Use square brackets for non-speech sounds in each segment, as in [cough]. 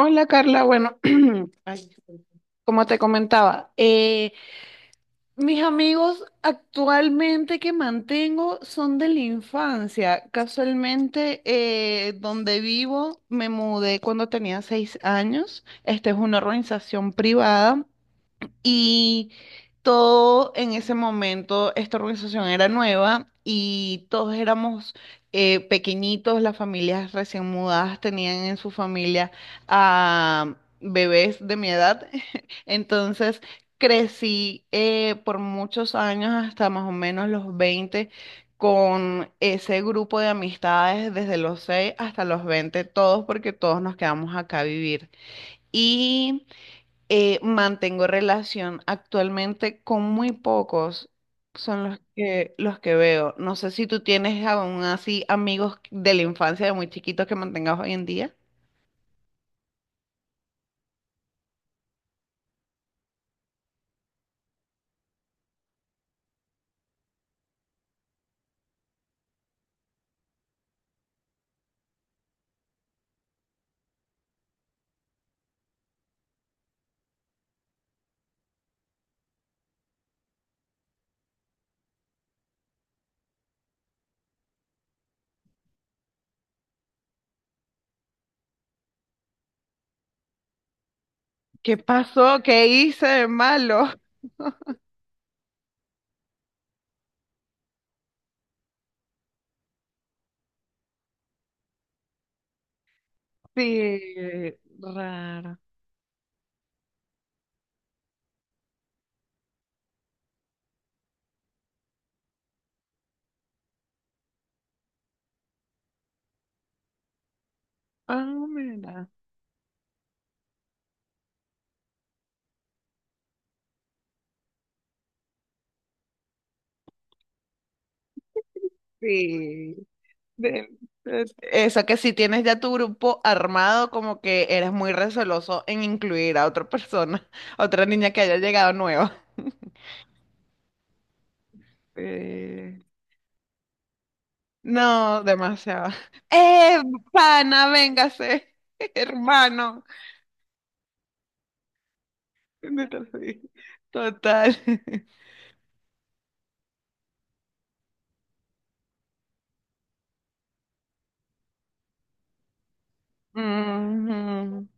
Hola Carla, bueno, [clears throat] ay, como te comentaba, mis amigos actualmente que mantengo son de la infancia. Casualmente, donde vivo me mudé cuando tenía 6 años. Esta es una organización privada y todo en ese momento, esta organización era nueva y todos éramos pequeñitos, las familias recién mudadas tenían en su familia a bebés de mi edad. [laughs] Entonces crecí por muchos años, hasta más o menos los 20 con ese grupo de amistades desde los 6 hasta los 20 todos porque todos nos quedamos acá a vivir. Y mantengo relación actualmente con muy pocos, son los que veo. No sé si tú tienes aún así amigos de la infancia de muy chiquitos que mantengas hoy en día. ¿Qué pasó? ¿Qué hice de malo? [laughs] Sí, raro. Ah, mira. Sí. de- Eso que si tienes ya tu grupo armado, como que eres muy receloso en incluir a otra persona, [laughs] a otra niña que haya llegado nueva. Sí. No, demasiado. [laughs] ¡Eh, pana, véngase! [laughs] Hermano. No. Total. [laughs] Ujú.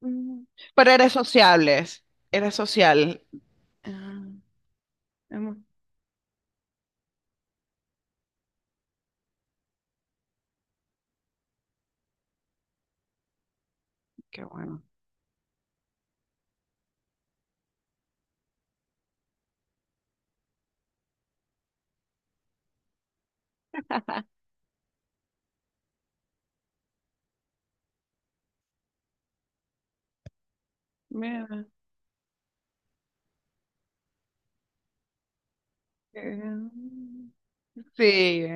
Ujú. Pero eres sociables. Eres social. Ah, hemos- qué bueno. Mira. eh, Sí.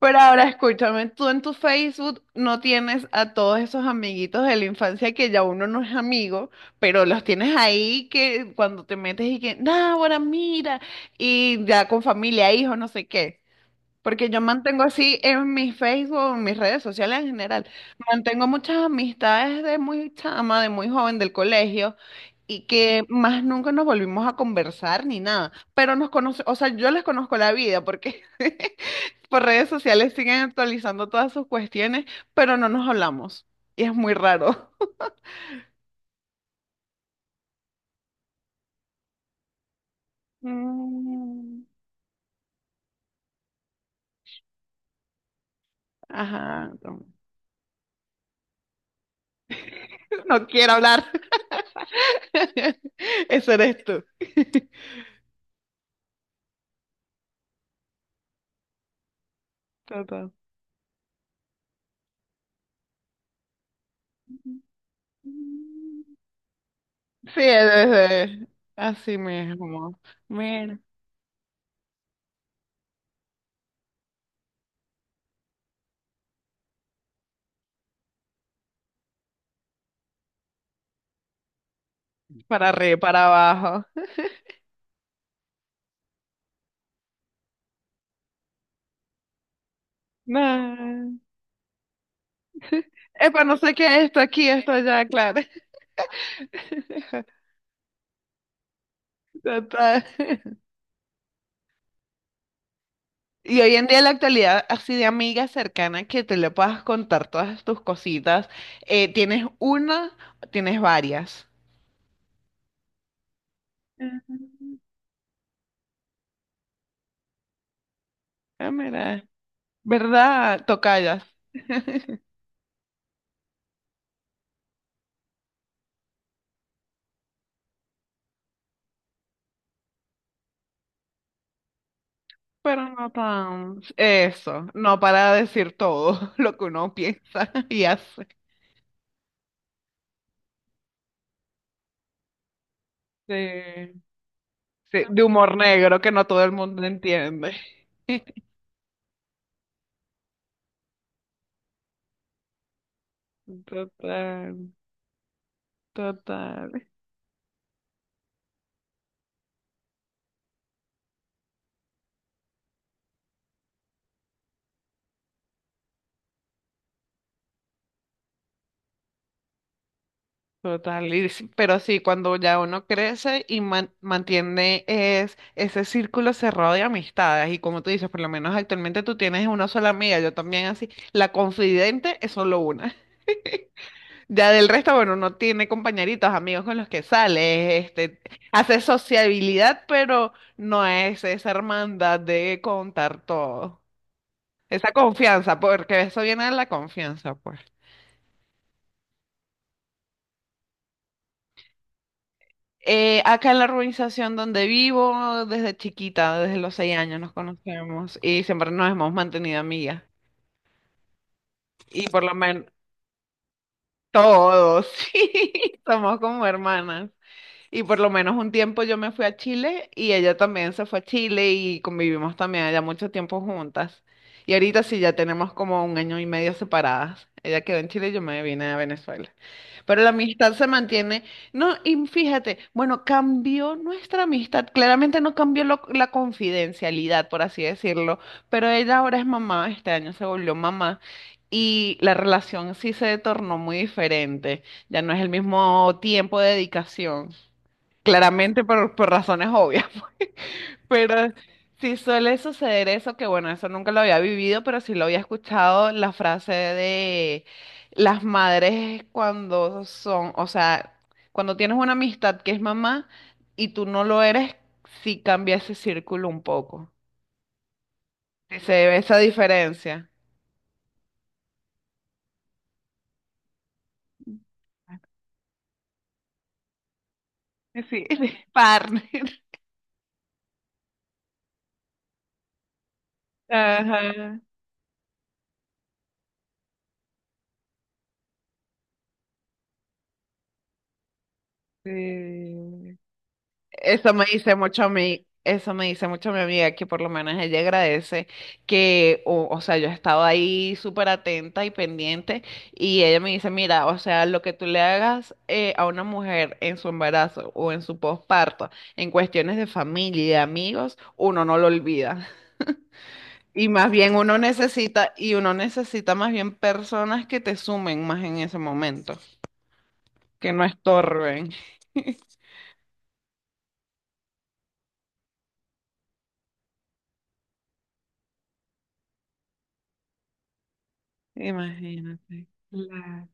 Pero ahora escúchame, tú en tu Facebook no tienes a todos esos amiguitos de la infancia que ya uno no es amigo, pero los tienes ahí que cuando te metes y que, ahora mira, y ya con familia, hijos, no sé qué. Porque yo mantengo así en mi Facebook, en mis redes sociales en general, mantengo muchas amistades de muy chama, de muy joven del colegio y que más nunca nos volvimos a conversar ni nada, pero nos conoce, o sea, yo les conozco la vida porque [laughs] por redes sociales siguen actualizando todas sus cuestiones, pero no nos hablamos y es muy raro. [laughs] Mm, ajá, no, [laughs] no quiero hablar. [laughs] Eso eres tú. [laughs] Total. Sí, así mismo. Mira, para arriba, para abajo. No. Epa, no sé qué es esto aquí, esto allá, claro. [laughs] Total. Y hoy en día, en la actualidad, así de amiga cercana que te le puedas contar todas tus cositas, ¿tienes una o tienes varias? Ujú. Ah, mira. ¿Verdad? Tocallas. Pero no tan... Eso, no para decir todo [laughs] lo que uno piensa y hace. Sí. Sí, de humor negro que no todo el mundo entiende. [laughs] Total, total, total. Y sí, pero sí, cuando ya uno crece y mantiene es, ese círculo cerrado de amistades, y como tú dices, por lo menos actualmente tú tienes una sola amiga, yo también así, la confidente es solo una. [laughs] Ya del resto, bueno, uno tiene compañeritos, amigos con los que sale, hace sociabilidad, pero no es esa hermandad de contar todo. Esa confianza, porque eso viene de la confianza, pues. Acá en la urbanización donde vivo, desde chiquita, desde los 6 años nos conocemos y siempre nos hemos mantenido amigas. Y por lo menos todos, [laughs] sí, somos como hermanas. Y por lo menos un tiempo yo me fui a Chile y ella también se fue a Chile y convivimos también allá mucho tiempo juntas. Y ahorita sí ya tenemos como un año y medio separadas. Ella quedó en Chile y yo me vine a Venezuela. Pero la amistad se mantiene. No, y fíjate, bueno, cambió nuestra amistad. Claramente no cambió la confidencialidad, por así decirlo, pero ella ahora es mamá, este año se volvió mamá y la relación sí se tornó muy diferente. Ya no es el mismo tiempo de dedicación. Claramente por razones obvias. Pero sí suele suceder eso, que bueno, eso nunca lo había vivido, pero sí lo había escuchado, la frase de las madres cuando son, o sea, cuando tienes una amistad que es mamá y tú no lo eres, sí cambia ese círculo un poco. Sí, se ve esa diferencia. Sí, [laughs] partner. Ajá. Sí. Eso me dice mucho a mí, eso me dice mucho mi amiga, que por lo menos ella agradece que, o sea, yo he estado ahí súper atenta y pendiente y ella me dice, mira, o sea, lo que tú le hagas a una mujer en su embarazo o en su posparto, en cuestiones de familia y de amigos, uno no lo olvida. Y más bien uno necesita, y uno necesita más bien personas que te sumen más en ese momento, que no estorben. Imagínate. Claro.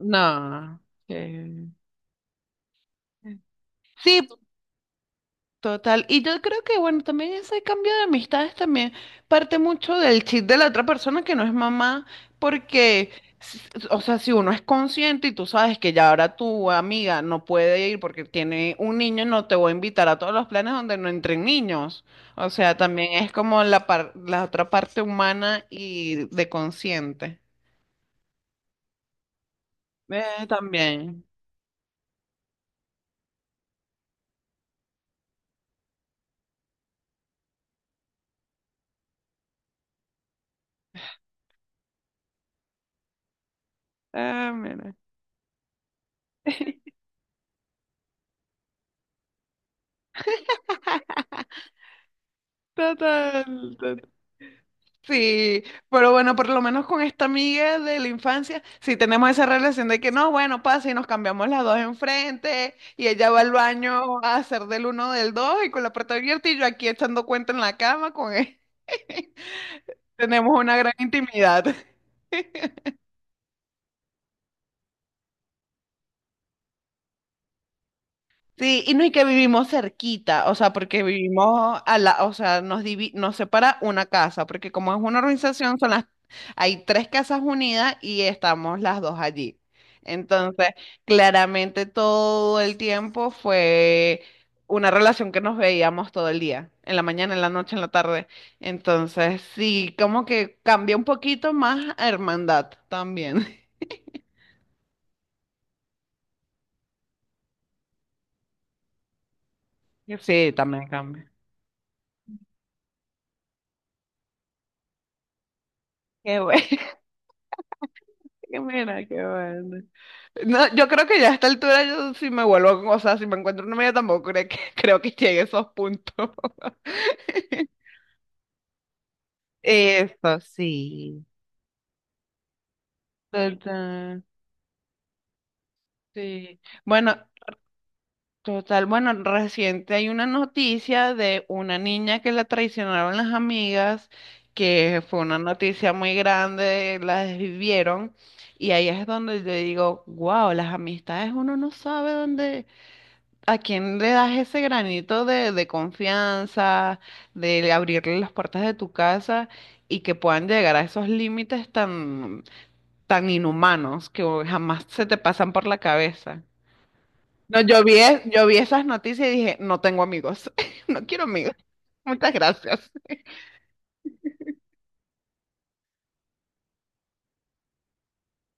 No. que- Sí, total. Y yo creo que, bueno, también ese cambio de amistades también parte mucho del chip de la otra persona que no es mamá, porque, s- o sea, si uno es consciente y tú sabes que ya ahora tu amiga no puede ir porque tiene un niño, no te voy a invitar a todos los planes donde no entren niños. O sea, también es como la otra parte humana y de consciente. También. Ah, mira. [laughs] Total, total. Sí, pero bueno, por lo menos con esta amiga de la infancia, sí tenemos esa relación de que no, bueno, pasa y nos cambiamos las dos enfrente y ella va al baño a hacer del uno del dos y con la puerta abierta y yo aquí echando cuenta en la cama con él. [laughs] Tenemos una gran intimidad. Sí, y no y que vivimos cerquita, o sea, porque vivimos a la, o sea, nos separa una casa, porque como es una organización, son las, hay tres casas unidas y estamos las dos allí. Entonces, claramente todo el tiempo fue una relación que nos veíamos todo el día, en la mañana, en la noche, en la tarde. Entonces, sí, como que cambia un poquito más a hermandad también. [laughs] Sí, también cambia. Qué bueno. Que mira, qué bueno. No, yo creo que ya a esta altura yo si me vuelvo, o sea, si me encuentro una media tampoco creo que, [laughs] creo que llegue a esos puntos. [laughs] Eso sí. Total, sí. Bueno, total, bueno, reciente hay una noticia de una niña que la traicionaron las amigas, que fue una noticia muy grande, la desvivieron, y ahí es donde yo digo, wow, las amistades uno no sabe dónde. ¿A quién le das ese granito de confianza, de abrirle las puertas de tu casa y que puedan llegar a esos límites tan, tan inhumanos que jamás se te pasan por la cabeza? No, yo vi, yo vi esas noticias y dije, no tengo amigos, [laughs] no quiero amigos. Muchas gracias.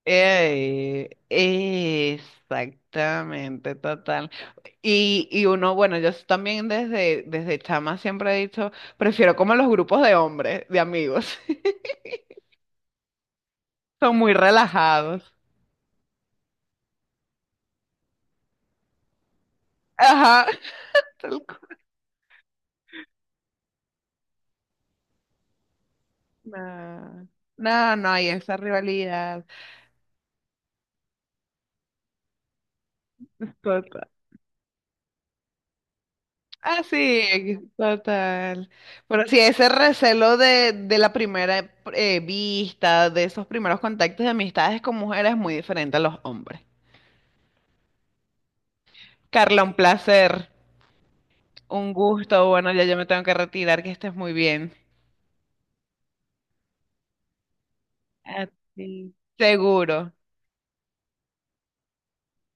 Ey, exactamente, total. Y uno, bueno, yo también desde chama siempre he dicho, prefiero como los grupos de hombres, de amigos. [laughs] Son muy relajados. Ajá. [laughs] tal cu- no, no, no hay esa rivalidad. Total. Ah, sí, total. Pero sí, ese recelo de la primera vista, de esos primeros contactos de amistades con mujeres es muy diferente a los hombres. Carla, un placer, un gusto. Bueno, ya yo me tengo que retirar, que estés muy bien. Sí, seguro.